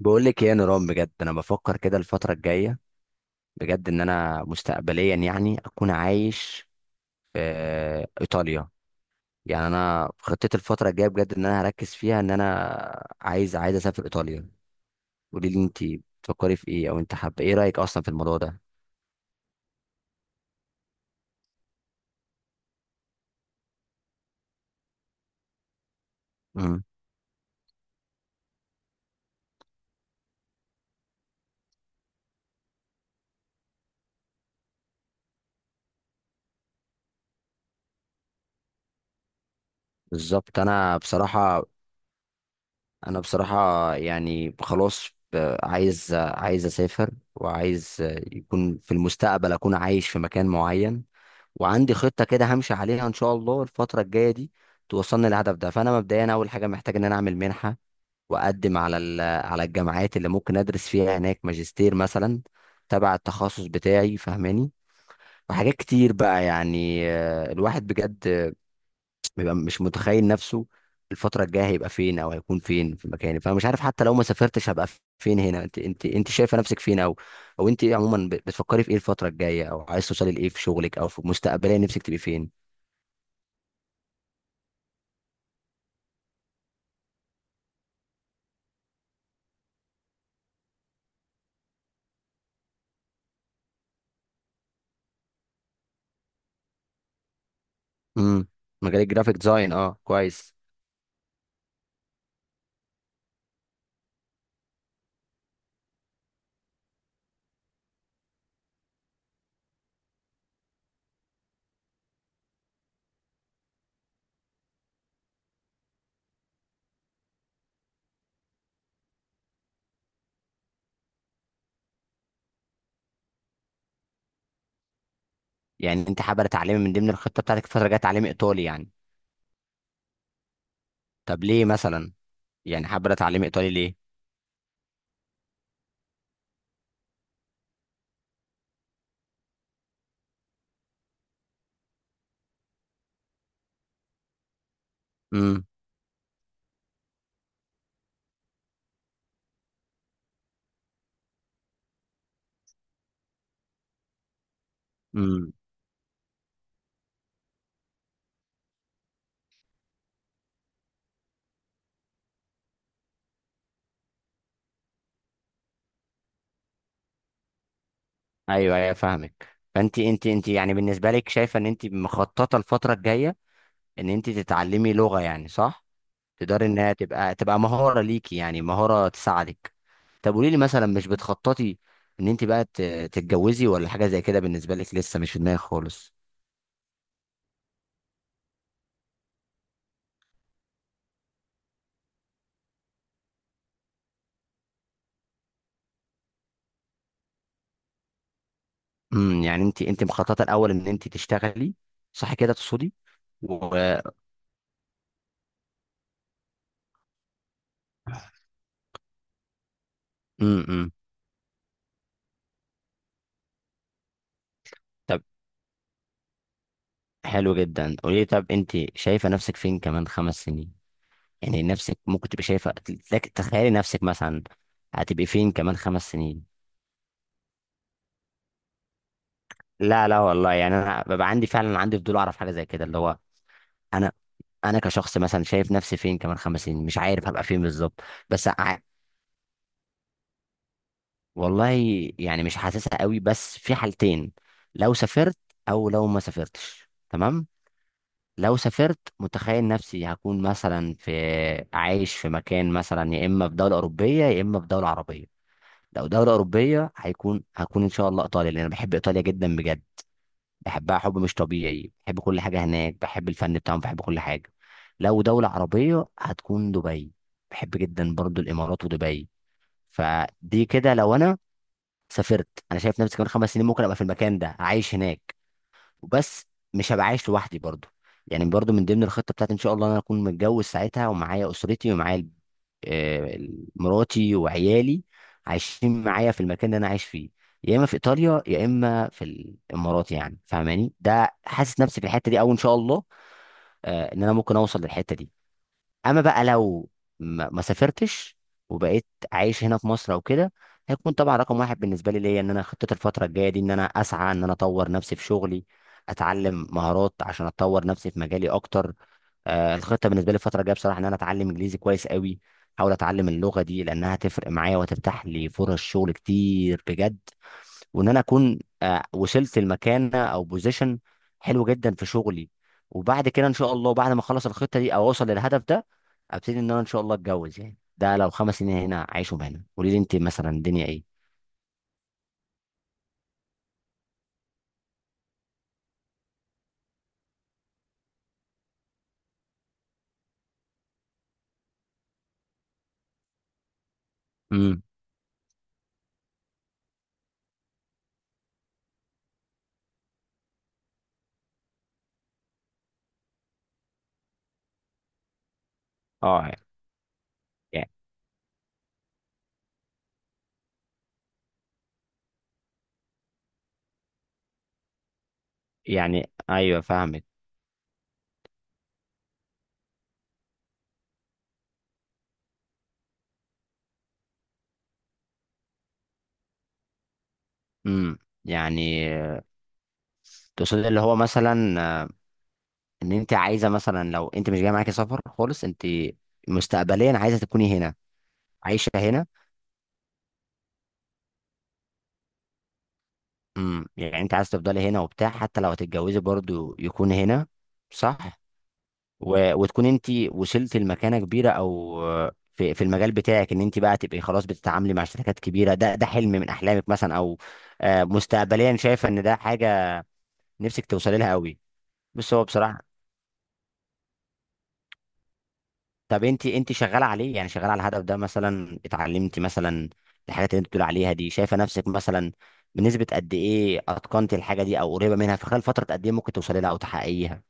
بقول لك ايه يا نيران؟ بجد انا بفكر كده الفتره الجايه، بجد ان انا مستقبليا يعني اكون عايش في ايطاليا. يعني انا خطتي الفتره الجايه بجد ان انا هركز فيها ان انا عايز اسافر ايطاليا. قولي لي انت، بتفكري في ايه؟ او انت حابه ايه رايك اصلا في الموضوع ده؟ امم بالظبط. انا بصراحه يعني خلاص، عايز اسافر، وعايز يكون في المستقبل اكون عايش في مكان معين. وعندي خطة كده همشي عليها إن شاء الله الفترة الجاية دي توصلني للهدف ده. فأنا مبدئيا أول حاجة محتاج إن أنا أعمل منحة، وأقدم على على الجامعات اللي ممكن أدرس فيها هناك ماجستير مثلا، تبع التخصص بتاعي، فاهماني؟ وحاجات كتير بقى، يعني الواحد بجد بيبقى مش متخيل نفسه الفترة الجاية هيبقى فين، أو هيكون فين في مكاني. فأنا مش عارف، حتى لو ما سافرتش هبقى فين هنا. أنت شايفة نفسك فين؟ أو أنت إيه عموما؟ بتفكري في إيه الفترة الجاية، أو عايز توصلي لإيه في شغلك، أو في مستقبليا نفسك تبقي فين؟ امم. مجال الجرافيك ديزاين، اه كويس. يعني انت حابه تعلمي من ضمن الخطه بتاعتك الفتره الجايه تعلمي ايطالي، يعني؟ طب ليه مثلا؟ يعني حابه تعلمي ايطالي ليه؟ امم، امم. ايوه، ايوه، فاهمك. فانت، انت يعني بالنسبه لك شايفه ان انت مخططه الفتره الجايه ان انت تتعلمي لغه، يعني صح؟ تقدري انها تبقى مهاره ليكي، يعني مهاره تساعدك. طب قولي لي مثلا، مش بتخططي ان انت بقى تتجوزي ولا حاجه زي كده؟ بالنسبه لك لسه مش في دماغك خالص؟ امم، يعني انت مخططه الاول ان انت تشتغلي، صح كده تقصدي؟ و امم امم. طب، حلو جدا. قولي لي، طب انت شايفه نفسك فين كمان 5 سنين؟ يعني نفسك ممكن تبقي شايفه. تخيلي نفسك مثلا هتبقي فين كمان 5 سنين. لا، لا والله، يعني انا ببقى عندي فعلا، عندي فضول اعرف حاجه زي كده، اللي هو انا انا كشخص مثلا شايف نفسي فين كمان 5 سنين؟ مش عارف هبقى فين بالظبط. بس ع- والله، يعني مش حاسسها قوي. بس في حالتين: لو سافرت، او لو ما سافرتش، تمام. لو سافرت متخيل نفسي هكون مثلا في، عايش في مكان مثلا، يا اما في دولة أوروبية يا اما في دولة عربية. لو دولة أوروبية هكون ان شاء الله إيطاليا، لأن أنا بحب إيطاليا جدا بجد. بحبها حب مش طبيعي. بحب كل حاجة هناك، بحب الفن بتاعهم، بحب كل حاجة. لو دولة عربية هتكون دبي. بحب جدا برضو الإمارات ودبي. فدي كده لو أنا سافرت، أنا شايف نفسي كمان 5 سنين ممكن أبقى في المكان ده عايش هناك. بس مش هبقى عايش لوحدي برضو. يعني برضو من ضمن الخطة بتاعتي ان شاء الله إن انا اكون متجوز ساعتها، ومعايا اسرتي ومعايا آه، مراتي وعيالي، عايشين معايا في المكان اللي انا عايش فيه، يا اما في ايطاليا يا اما في الامارات. يعني فاهماني؟ ده حاسس نفسي في الحتة دي، او ان شاء الله ان انا ممكن اوصل للحتة دي. اما بقى لو ما سافرتش وبقيت عايش هنا في مصر او كده، هيكون طبعا رقم واحد بالنسبه ليا ان انا خطه الفتره الجايه دي ان انا اسعى ان انا اطور نفسي في شغلي، اتعلم مهارات عشان اطور نفسي في مجالي اكتر. آه الخطه بالنسبه لي الفتره الجايه بصراحه ان انا اتعلم انجليزي كويس قوي، احاول اتعلم اللغه دي لانها هتفرق معايا وهتفتح لي فرص شغل كتير بجد. وان انا اكون وصلت لمكانه او بوزيشن حلو جدا في شغلي. وبعد كده ان شاء الله بعد ما اخلص الخطه دي او اوصل للهدف ده، ابتدي ان انا ان شاء الله اتجوز. يعني ده لو 5 سنين هنا عايشهم هنا. قولي لي انت مثلا الدنيا ايه؟ امم. اه. يعني ايوه، فاهمك. امم، يعني تقصد اللي هو مثلا ان انت عايزه مثلا لو انت مش جاي معاكي سفر خالص، انت مستقبليا عايزه تكوني هنا عايشه هنا؟ امم، يعني انت عايز تفضلي هنا وبتاع، حتى لو هتتجوزي برضو يكون هنا، صح؟ وتكون انت وصلت لمكانه كبيره، او في المجال بتاعك، ان انت بقى تبقي خلاص بتتعاملي مع شركات كبيره، ده حلم من احلامك مثلا؟ او مستقبليا شايفه ان ده حاجه نفسك توصلي لها قوي؟ بس هو بصراحه، طب انت شغاله عليه؟ يعني شغاله على الهدف ده؟ مثلا اتعلمتي مثلا الحاجات اللي انت بتقول عليها دي؟ شايفه نفسك مثلا بنسبه قد ايه اتقنتي الحاجه دي او قريبه منها؟ في خلال فتره قد ايه ممكن توصلي لها او تحققيها؟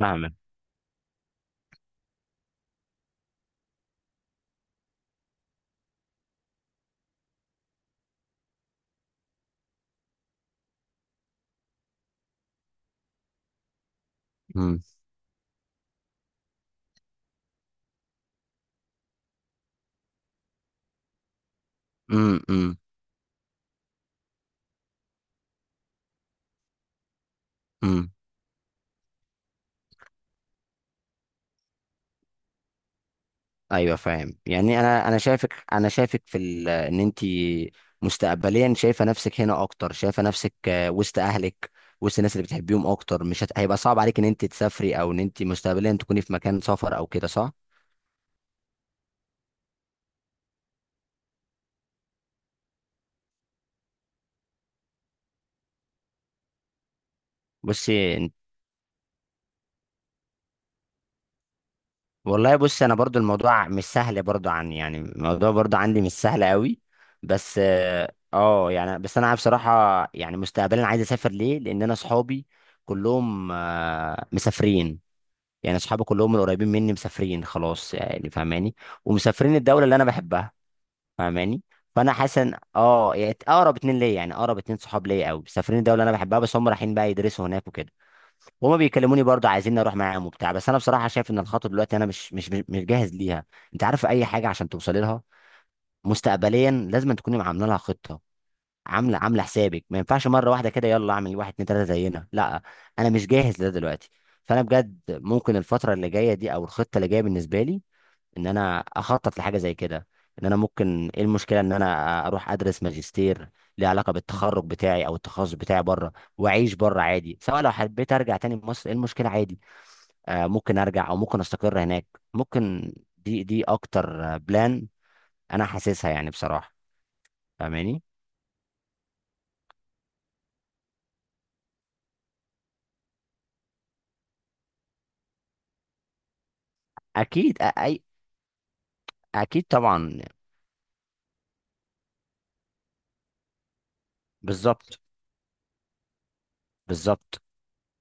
فاهمك. امم، امم، امم، امم. ايوه فاهم. يعني انا شايفك في ان انت مستقبليا شايفه نفسك هنا اكتر، شايفه نفسك وسط اهلك، وسط الناس اللي بتحبيهم اكتر. مش هيبقى صعب عليك ان انت تسافري او ان انت مستقبليا تكوني في مكان سفر او كده، صح؟ بصي، والله بص، انا برضو الموضوع مش سهل برضو، عن يعني الموضوع برضو عندي مش سهل قوي. بس اه يعني بس انا بصراحه يعني مستقبلا عايز اسافر. ليه؟ لان انا اصحابي كلهم آه مسافرين. يعني اصحابي كلهم القريبين مني مسافرين خلاص، يعني فاهماني. ومسافرين الدوله اللي انا بحبها، فاهماني؟ فانا حاسس ان اه يعني اقرب اتنين ليا، يعني اقرب اتنين صحاب ليا قوي مسافرين الدوله اللي انا بحبها. بس هم رايحين بقى يدرسوا هناك وكده. وهما بيكلموني برضه عايزين اروح معاهم وبتاع، بس انا بصراحه شايف ان الخطوه دلوقتي انا مش جاهز ليها. انت عارف اي حاجه عشان توصلي لها مستقبليا لازم تكوني عامله لها خطه، عامله حسابك. ما ينفعش مره واحده كده يلا اعمل واحد اتنين تلاته زينا، لا. انا مش جاهز لده دلوقتي. فانا بجد ممكن الفتره اللي جايه دي او الخطه اللي جايه بالنسبه لي، ان انا اخطط لحاجه زي كده. ان انا، ممكن ايه المشكله ان انا اروح ادرس ماجستير ليه علاقه بالتخرج بتاعي او التخصص بتاعي بره؟ واعيش بره عادي، سواء لو حبيت ارجع تاني مصر ايه المشكله؟ عادي، آه، ممكن ارجع او ممكن استقر هناك. ممكن دي اكتر بلان انا حاسسها، يعني بصراحه، فاهماني؟ اكيد اي، اكيد طبعا. بالظبط، بالظبط.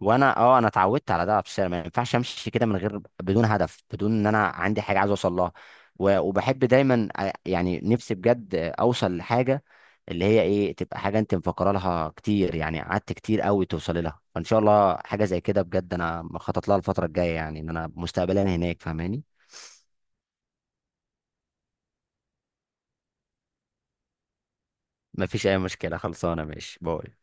وانا اه اتعودت على ده في الشارع. ما ينفعش امشي كده من غير بدون هدف، بدون ان انا عندي حاجه عايز اوصل لها. و- وبحب دايما يعني نفسي بجد اوصل لحاجه، اللي هي ايه، تبقى حاجه انت مفكره لها كتير، يعني قعدت كتير قوي توصلي لها. فان شاء الله حاجه زي كده بجد انا مخطط لها الفتره الجايه، يعني ان انا مستقبلا هناك، فاهماني؟ مفيش اي مشكله، خلصانه، ماشي، باي.